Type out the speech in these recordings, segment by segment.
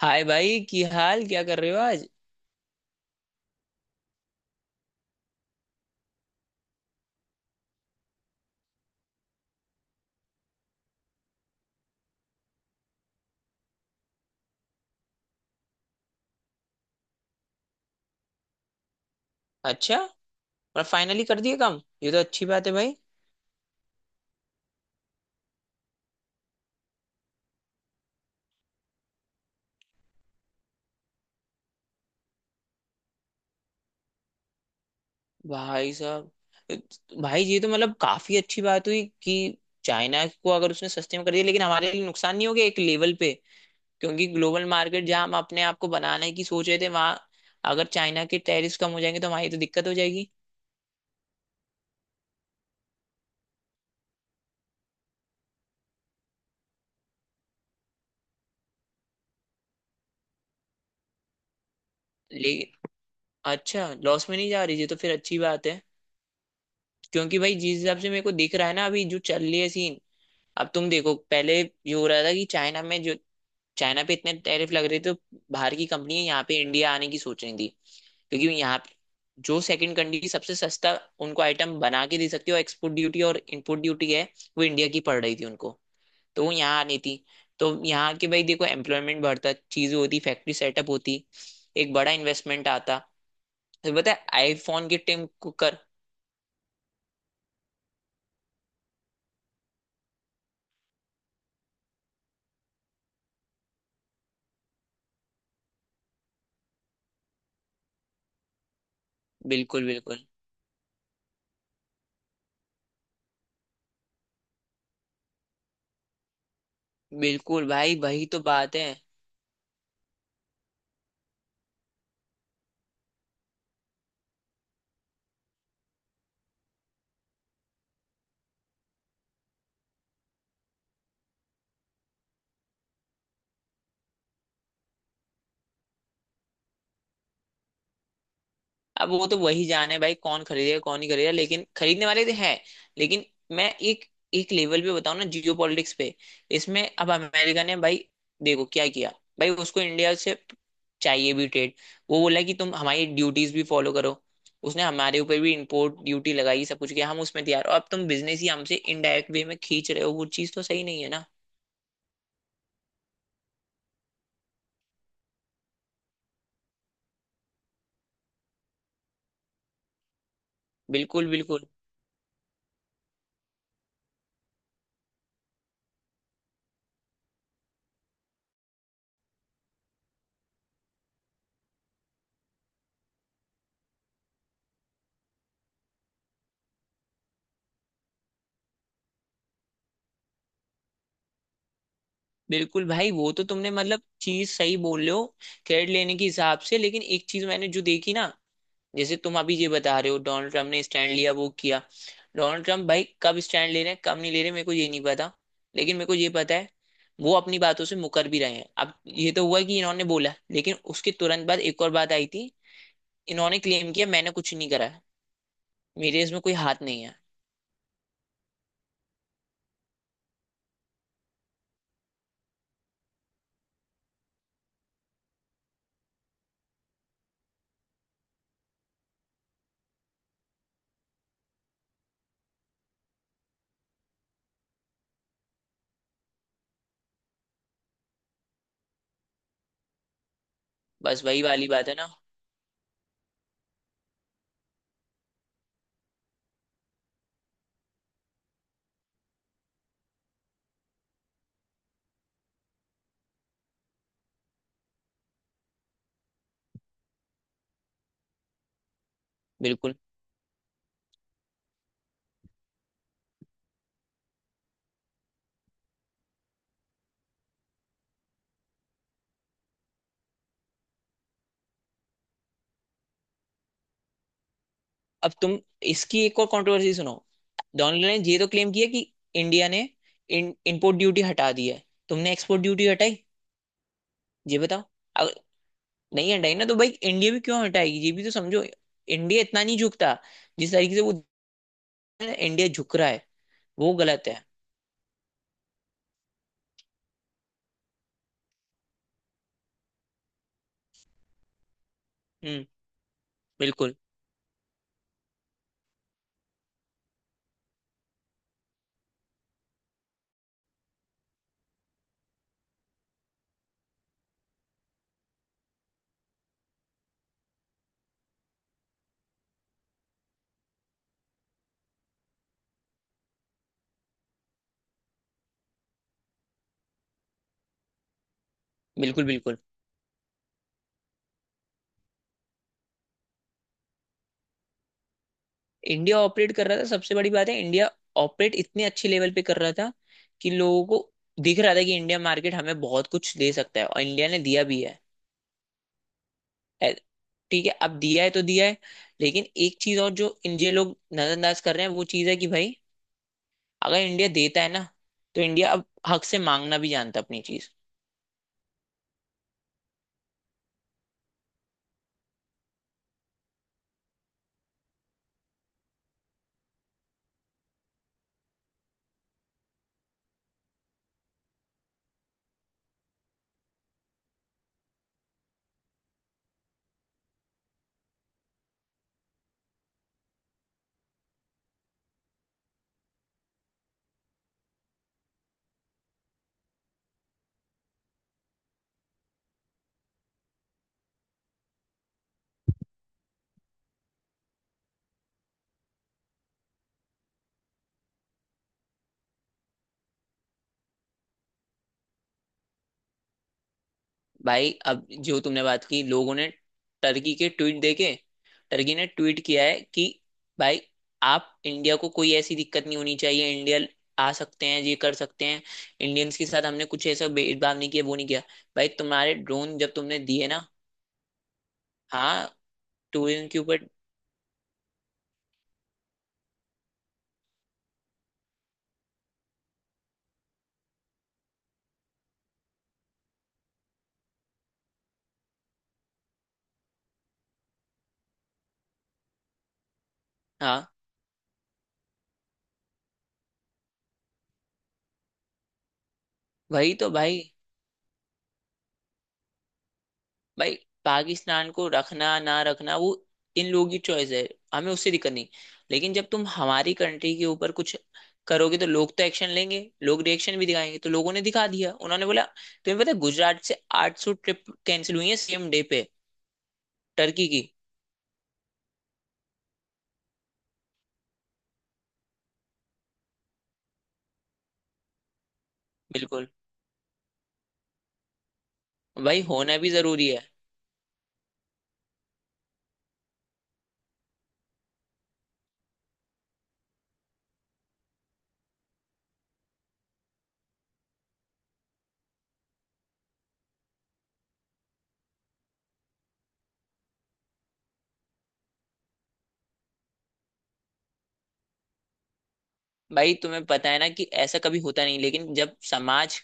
हाय भाई की हाल क्या कर रहे हो आज। अच्छा, मतलब फाइनली कर दिए काम, ये तो अच्छी बात है भाई। भाई साहब, भाई ये तो मतलब काफी अच्छी बात हुई कि चाइना को अगर उसने सस्ते में कर दिया, लेकिन हमारे लिए नुकसान नहीं हो गया एक लेवल पे? क्योंकि ग्लोबल मार्केट जहां हम अपने आप को बनाने की सोच रहे थे, वहां अगर चाइना के टैरिफ कम हो जाएंगे तो हमारी तो दिक्कत हो जाएगी। लेकिन अच्छा, लॉस में नहीं जा रही, ये तो फिर अच्छी बात है। क्योंकि भाई जिस हिसाब से मेरे को दिख रहा है ना अभी जो चल रही है सीन। अब तुम देखो, पहले ये हो रहा था कि चाइना में जो चाइना पे इतने टैरिफ लग रहे थे, तो बाहर की कंपनी यहाँ पे इंडिया आने की सोच रही थी। क्योंकि जो सेकंड कंट्री सबसे सस्ता उनको आइटम बना के दे सकती है, और एक्सपोर्ट ड्यूटी और इंपोर्ट ड्यूटी है वो इंडिया की पड़ रही थी उनको, तो वो यहाँ आनी थी। तो यहाँ के भाई देखो एम्प्लॉयमेंट बढ़ता, चीजें होती, फैक्ट्री सेटअप होती, एक बड़ा इन्वेस्टमेंट आता। तो बताए आईफोन के टीम को कर। बिल्कुल, बिल्कुल। बिल्कुल भाई, वही तो बात है। अब वो तो वही जाने भाई कौन खरीदेगा कौन नहीं खरीदेगा, लेकिन खरीदने वाले तो हैं। लेकिन मैं एक एक लेवल पे बताऊं ना जियो पॉलिटिक्स पे, इसमें अब अमेरिका ने भाई देखो क्या किया। भाई उसको इंडिया से चाहिए भी ट्रेड। वो बोला कि तुम हमारी ड्यूटीज भी फॉलो करो। उसने हमारे ऊपर भी इंपोर्ट ड्यूटी लगाई, सब कुछ किया, हम उसमें तैयार, और अब तुम बिजनेस ही हमसे इनडायरेक्ट वे में खींच रहे हो, वो चीज तो सही नहीं है ना। बिल्कुल, बिल्कुल। बिल्कुल भाई, वो तो तुमने मतलब चीज सही बोल रहे हो। क्रेडिट लेने के हिसाब से, लेकिन एक चीज मैंने जो देखी ना, जैसे तुम अभी ये बता रहे हो डोनाल्ड ट्रम्प ने स्टैंड लिया वो किया। डोनाल्ड ट्रम्प भाई कब स्टैंड ले रहे हैं कब नहीं ले रहे मेरे को ये नहीं पता। लेकिन मेरे को ये पता है, वो अपनी बातों से मुकर भी रहे हैं। अब ये तो हुआ कि इन्होंने बोला, लेकिन उसके तुरंत बाद एक और बात आई थी। इन्होंने क्लेम किया मैंने कुछ नहीं करा है, मेरे इसमें कोई हाथ नहीं है। बस वही वाली बात है ना। बिल्कुल। अब तुम इसकी एक और कंट्रोवर्सी सुनो। डोनाल्ड ने ये तो क्लेम किया कि इंडिया ने इंपोर्ट ड्यूटी हटा दी है। तुमने एक्सपोर्ट ड्यूटी हटाई? ये बताओ। नहीं हटाई ना, तो भाई इंडिया भी क्यों हटाएगी? ये भी तो समझो, इंडिया इतना नहीं झुकता जिस तरीके से वो इंडिया झुक रहा है। वो गलत है। हम्म। बिल्कुल, बिल्कुल। बिल्कुल, इंडिया ऑपरेट कर रहा था, सबसे बड़ी बात है। इंडिया ऑपरेट इतने अच्छे लेवल पे कर रहा था कि लोगों को दिख रहा था कि इंडिया मार्केट हमें बहुत कुछ दे सकता है, और इंडिया ने दिया भी है। ए- ठीक है, अब दिया है तो दिया है। लेकिन एक चीज और जो इन ये लोग नजरअंदाज कर रहे हैं, वो चीज है कि भाई अगर इंडिया देता है ना, तो इंडिया अब हक से मांगना भी जानता है अपनी चीज। भाई अब जो तुमने बात की, लोगों ने टर्की के ट्वीट देखे। टर्की ने ट्वीट किया है कि भाई आप, इंडिया को कोई ऐसी दिक्कत नहीं होनी चाहिए, इंडिया आ सकते हैं, ये कर सकते हैं, इंडियंस के साथ हमने कुछ ऐसा भेदभाव नहीं किया, वो नहीं किया। भाई तुम्हारे ड्रोन जब तुमने दिए ना। हाँ। टूरिज्म के ऊपर। हाँ, वही तो भाई। भाई पाकिस्तान को रखना ना रखना, वो इन लोगों की चॉइस है, हमें उससे दिक्कत नहीं। लेकिन जब तुम हमारी कंट्री के ऊपर कुछ करोगे, तो लोग तो एक्शन लेंगे, लोग रिएक्शन भी दिखाएंगे। तो लोगों ने दिखा दिया, उन्होंने बोला। तुम्हें पता है गुजरात से 800 ट्रिप कैंसिल हुई है सेम डे पे, टर्की की। बिल्कुल। भाई होना भी जरूरी है। भाई तुम्हें पता है ना कि ऐसा कभी होता नहीं, लेकिन जब समाज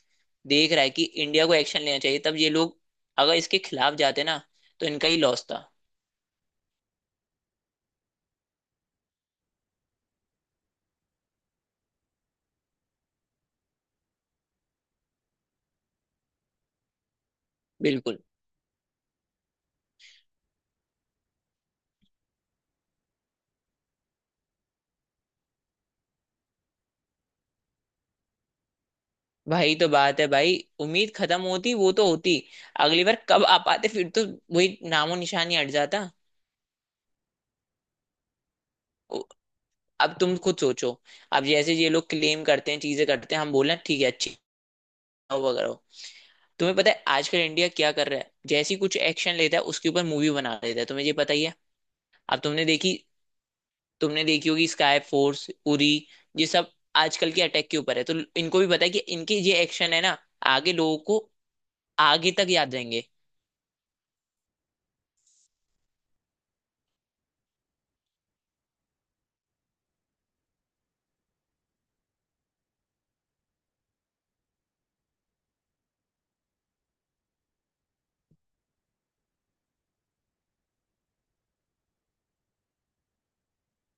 देख रहा है कि इंडिया को एक्शन लेना चाहिए, तब ये लोग अगर इसके खिलाफ जाते ना, तो इनका ही लॉस था। बिल्कुल। भाई तो बात है भाई, उम्मीद खत्म होती वो तो होती, अगली बार कब आ पाते फिर? तो वही नामो निशानी हट जाता। उ- अब तुम खुद सोचो, अब जैसे ये लोग क्लेम करते हैं चीजें करते हैं, हम बोले ठीक है अच्छी हो वगैरह हो। तुम्हें पता है आजकल इंडिया क्या कर रहा है? जैसी कुछ एक्शन लेता है उसके ऊपर मूवी बना देता है, तुम्हें ये पता ही है। अब तुमने देखी, तुमने देखी होगी, स्काई फोर्स, उरी, ये सब आजकल के अटैक के ऊपर है, तो इनको भी पता है कि इनके ये एक्शन है ना, आगे लोगों को आगे तक याद रहेंगे।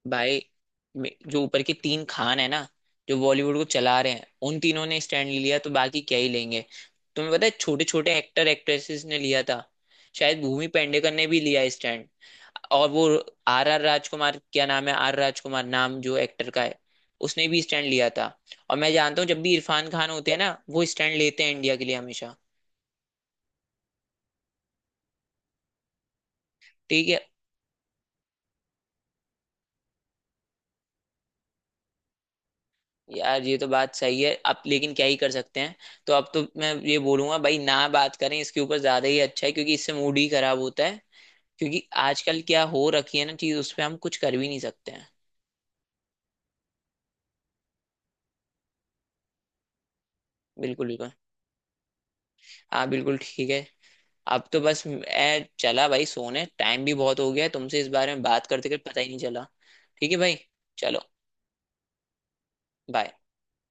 भाई जो ऊपर के तीन खान है ना, जो बॉलीवुड को चला रहे हैं, उन तीनों ने स्टैंड लिया, तो बाकी क्या ही लेंगे। तुम्हें पता है छोटे छोटे एक्टर एक्ट्रेसेस ने लिया था, शायद भूमि पेडनेकर ने भी लिया स्टैंड, और वो आर आर राजकुमार, क्या नाम है, आर राजकुमार नाम जो एक्टर का है, उसने भी स्टैंड लिया था। और मैं जानता हूँ जब भी इरफान खान होते हैं ना, वो स्टैंड लेते हैं इंडिया के लिए हमेशा। ठीक है यार, ये तो बात सही है अब, लेकिन क्या ही कर सकते हैं। तो अब तो मैं ये बोलूंगा भाई ना बात करें इसके ऊपर ज्यादा ही अच्छा है, क्योंकि इससे मूड ही खराब होता है। क्योंकि आजकल क्या हो रखी है ना चीज, उस पर हम कुछ कर भी नहीं सकते हैं। बिल्कुल, बिल्कुल। हाँ बिल्कुल ठीक है। अब तो बस मैं चला भाई, सोने टाइम भी बहुत हो गया है, तुमसे इस बारे में बात करते करते पता ही नहीं चला। ठीक है भाई। चलो। बाय।